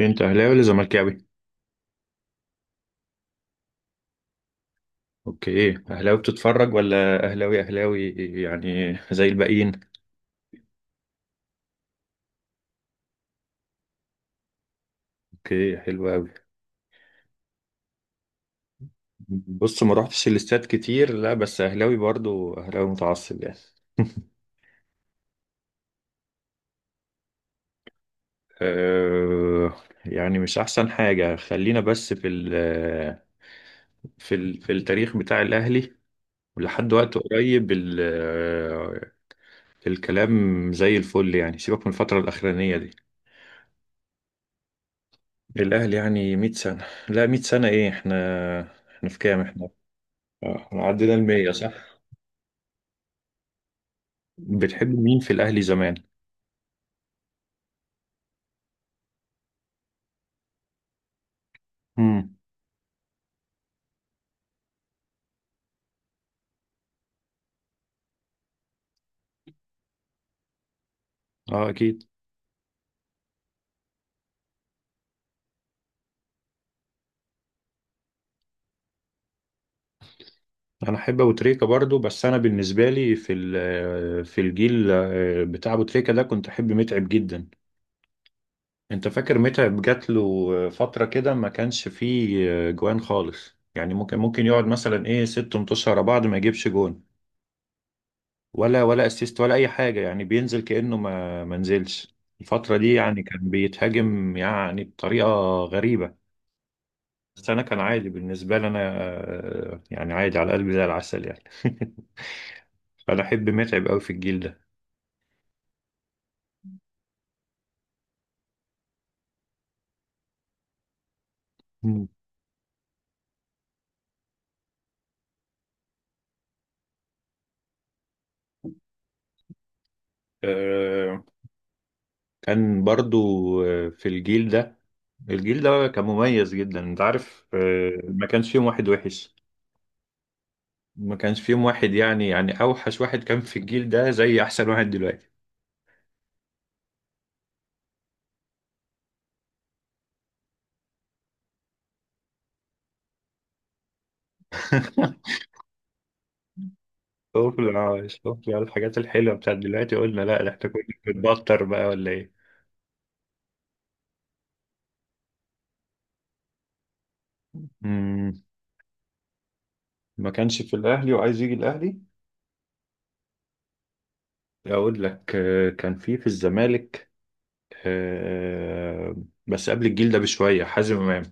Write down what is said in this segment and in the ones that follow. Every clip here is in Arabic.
انت اهلاوي ولا زملكاوي؟ اوكي، اهلاوي بتتفرج ولا اهلاوي اهلاوي يعني زي الباقيين؟ اوكي، حلو قوي. بص، ما روحتش الاستاد كتير، لا بس اهلاوي برضو، اهلاوي متعصب يعني. أه. يعني مش احسن حاجة، خلينا بس في التاريخ بتاع الاهلي، ولحد وقت قريب الكلام زي الفل، يعني سيبك من الفترة الأخرانية دي. الأهلي يعني 100 سنة، لا 100 سنة إيه؟ إحنا في كام إحنا؟ احنا عدينا المية، صح. بتحب مين في الاهلي زمان؟ امم. اه، اكيد. انا احب ابو تريكة برضو، بس انا بالنسبه لي في الجيل بتاع ابو تريكة ده كنت احب متعب جدا. انت فاكر متعب جات له فتره كده ما كانش فيه جوان خالص، يعني ممكن يقعد مثلا ايه ست ماتشات ورا بعض ما يجيبش جون ولا اسيست ولا اي حاجه، يعني بينزل كانه ما نزلش الفتره دي، يعني كان بيتهاجم يعني بطريقه غريبه. بس انا كان عادي بالنسبه لي، انا يعني عادي على قلبي زي العسل يعني. فانا احب متعب قوي في الجيل ده. مم. آه، كان برضو في الجيل ده، الجيل ده كان مميز جدا، انت عارف، ما كانش فيهم واحد وحش. ما كانش فيهم واحد يعني اوحش واحد كان في الجيل ده زي احسن واحد دلوقتي. شوف، شوف بقى الحاجات الحلوه بتاعت دلوقتي، قلنا لا ده احنا كنا بنتبطر بقى ولا ايه. مم. ما كانش في الاهلي وعايز يجي الاهلي. أقول لك كان في الزمالك، آه، بس قبل الجيل ده بشوية، حازم إمام.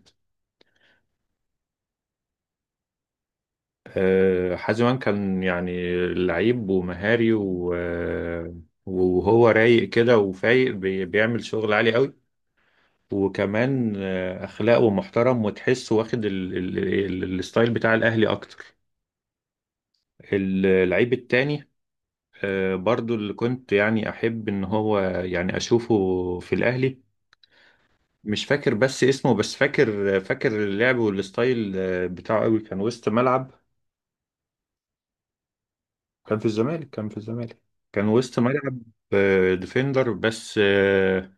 حازم إمام كان يعني لعيب ومهاري وهو رايق كده وفايق، بيعمل شغل عالي قوي. وكمان أخلاقه محترم، وتحسه واخد الستايل بتاع الأهلي أكتر. اللعيب التاني برضو اللي كنت يعني أحب إن هو يعني أشوفه في الأهلي. مش فاكر بس اسمه، بس فاكر اللعب والستايل بتاعه قوي، كان وسط ملعب. كان في الزمالك، كان في الزمالك، كان وسط ملعب. ديفندر بس،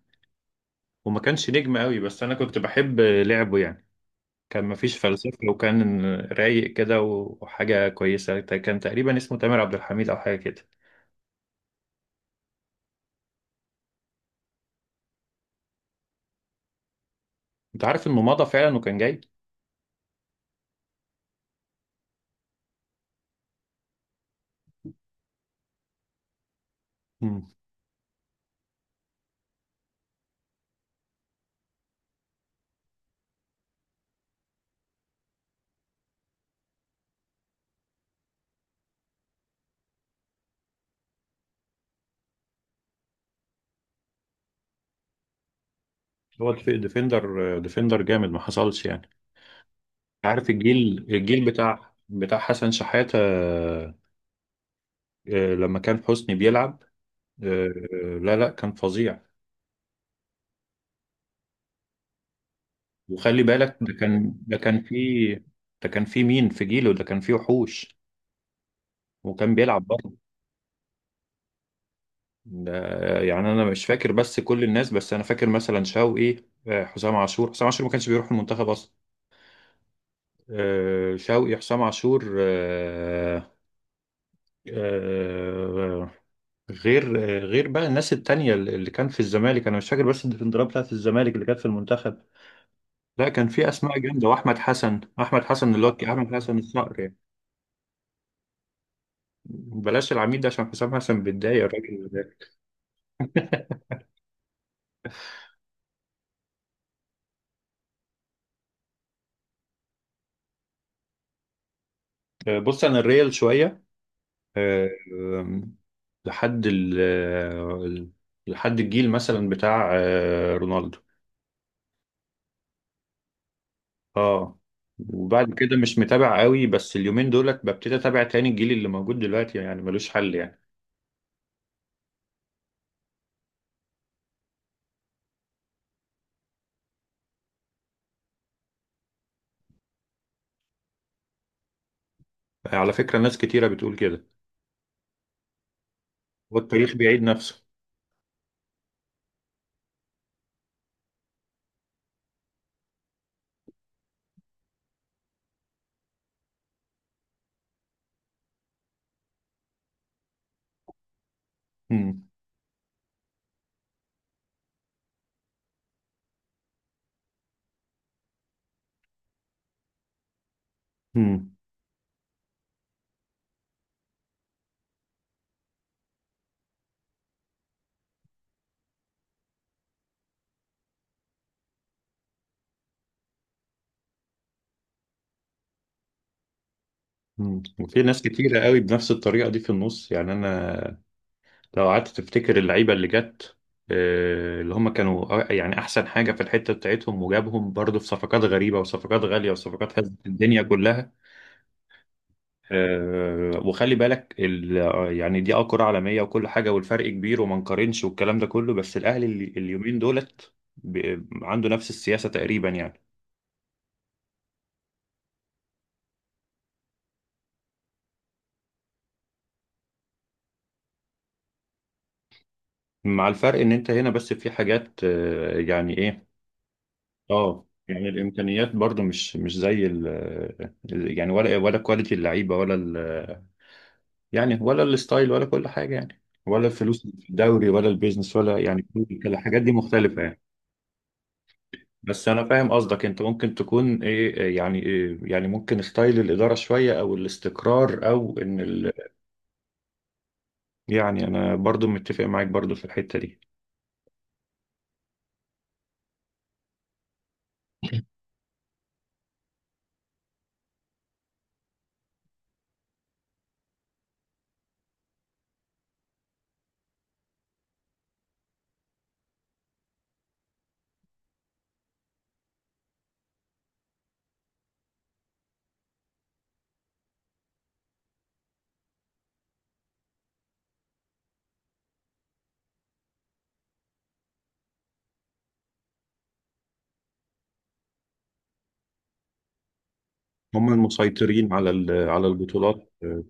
وما كانش نجم قوي، بس انا كنت بحب لعبه يعني. كان مفيش فلسفة، وكان رايق كده وحاجة كويسة، كان تقريبا اسمه تامر عبد الحميد او حاجة كده. انت عارف انه مضى فعلا وكان جاي. مم. هو ديفندر جامد ما حصلش يعني. عارف الجيل بتاع حسن شحاتة، لما كان حسني بيلعب، آه، لا، لا، كان فظيع. وخلي بالك ده كان في مين، في جيله ده كان في وحوش وكان بيلعب برضه. يعني انا مش فاكر بس كل الناس، بس انا فاكر مثلا شوقي، حسام عاشور، حسام عاشور ما كانش بيروح المنتخب اصلا، شوقي، حسام عاشور، آه، غير بقى الناس التانية اللي كان في الزمالك. انا مش فاكر بس الديفندرات بتاعت الزمالك اللي كانت في المنتخب. لا، كان في اسماء جامده، واحمد حسن، احمد حسن اللي هو احمد حسن الصقر يعني. بلاش العميد ده عشان حسام حسن بيتضايق الراجل ده. بص انا الريال شويه، آه، آم، لحد ال ال- لحد الجيل مثلا بتاع رونالدو. اه، وبعد كده مش متابع قوي، بس اليومين دولت ببتدي اتابع تاني. الجيل اللي موجود دلوقتي يعني ملوش حل يعني. على فكره ناس كتيره بتقول كده، هو التاريخ بيعيد نفسه. مم. مم. مم. وفي ناس كتيرة قوي بنفس الطريقة دي في النص يعني، أنا لو قعدت تفتكر اللعيبة اللي جت اللي هم كانوا، يعني أحسن حاجة في الحتة بتاعتهم، وجابهم برضه في صفقات غريبة وصفقات غالية وصفقات هزت الدنيا كلها. وخلي بالك يعني دي كرة عالمية وكل حاجة، والفرق كبير وما نقارنش والكلام ده كله. بس الأهلي اليومين دولت عنده نفس السياسة تقريبا يعني، مع الفرق إن أنت هنا بس في حاجات، يعني إيه. اه، يعني الامكانيات برضو مش زي ال، يعني ولا كواليتي اللعيبه ولا ال، يعني ولا الستايل ولا كل حاجه، يعني ولا الفلوس اللي في الدوري ولا البيزنس، ولا يعني كل الحاجات دي مختلفه يعني. بس انا فاهم قصدك، انت ممكن تكون ايه، إيه يعني، ممكن ستايل الاداره شويه، او الاستقرار، او ان ال. يعني انا برضو متفق معاك، برضو في الحته دي. هم المسيطرين على البطولات،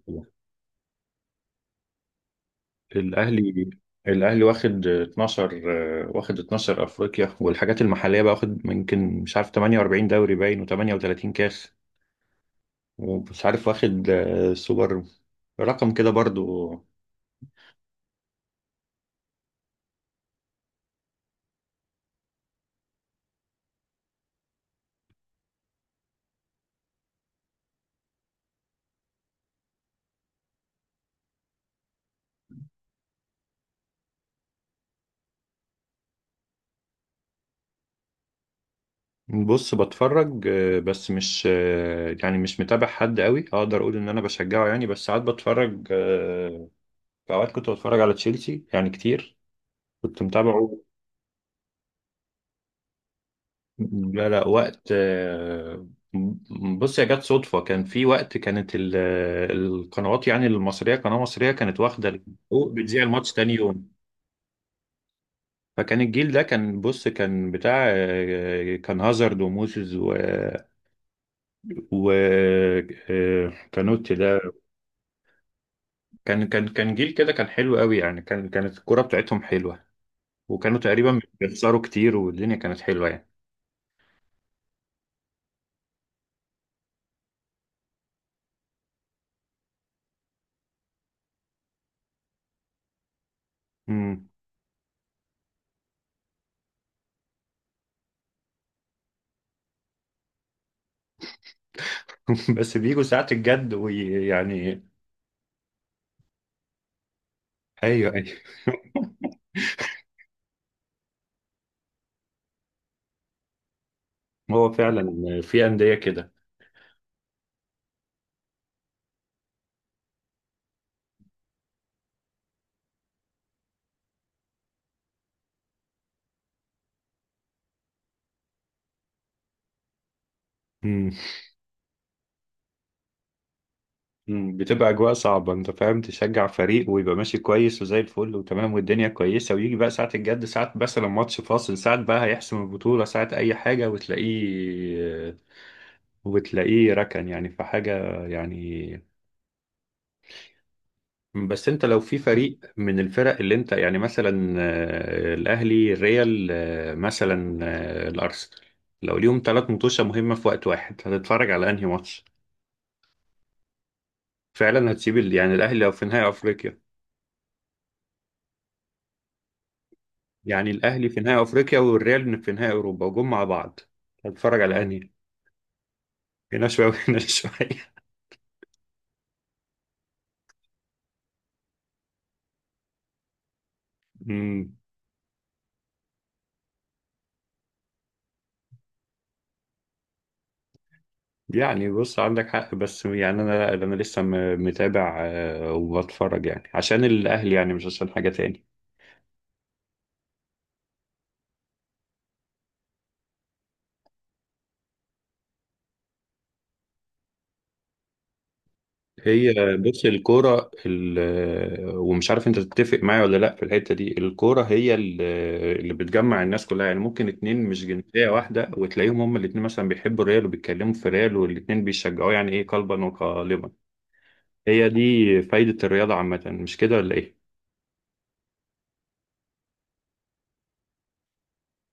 الاهلي الاهلي واخد 12، واخد 12 افريقيا، والحاجات المحليه بقى واخد يمكن مش عارف 48 دوري باين و38 كاس، ومش عارف واخد سوبر، رقم كده برضو. بص بتفرج بس مش، يعني مش متابع حد قوي اقدر اقول ان انا بشجعه يعني، بس ساعات بتفرج. في اوقات كنت بتفرج على تشيلسي يعني كتير، كنت متابعه. لا، لا، وقت بص، يا جت صدفة، كان في وقت كانت القنوات يعني المصرية، قناة مصرية كانت واخدة الحقوق بتذيع الماتش تاني يوم. فكان الجيل ده كان بص كان بتاع كان هازارد وموسيس و كانوتي ده. كان جيل كده، كان حلو قوي يعني، كانت الكرة بتاعتهم حلوة، وكانوا تقريبا بيخسروا كتير والدنيا كانت حلوة يعني. مم. بس بيجوا ساعة الجد ويعني، ايوه، ايوه. هو فعلا في أندية كده. مم. مم. بتبقى أجواء صعبة، أنت فاهم، تشجع فريق ويبقى ماشي كويس وزي الفل وتمام والدنيا كويسة، ويجي بقى ساعة الجد، ساعة مثلا ماتش فاصل، ساعة بقى هيحسم البطولة، ساعة أي حاجة، وتلاقيه ركن يعني في حاجة يعني. بس أنت لو في فريق من الفرق اللي أنت يعني مثلا، الأهلي، الريال، مثلا الأرسنال، لو ليهم ثلاث مطوشة مهمة في وقت واحد هتتفرج على أنهي ماتش؟ فعلا هتسيب يعني الاهلي في نهائي افريقيا، يعني الاهلي في نهائي افريقيا والريال في نهائي اوروبا وجم مع بعض، هتتفرج على انهي؟ هنا شويه وهنا شويه. أمم. يعني بص عندك حق، بس يعني انا لا، انا لسه متابع وبتفرج يعني عشان الاهلي، يعني مش عشان حاجه تاني. هي بص الكورة ومش عارف انت تتفق معايا ولا لا في الحتة دي، الكورة هي اللي بتجمع الناس كلها يعني، ممكن اتنين مش جنسية واحدة وتلاقيهم هما الاتنين مثلا بيحبوا الريال وبيتكلموا في الريال والاتنين بيشجعوه يعني ايه، قلبا وقالبا. هي دي فايدة الرياضة عامة، مش كده ولا ايه؟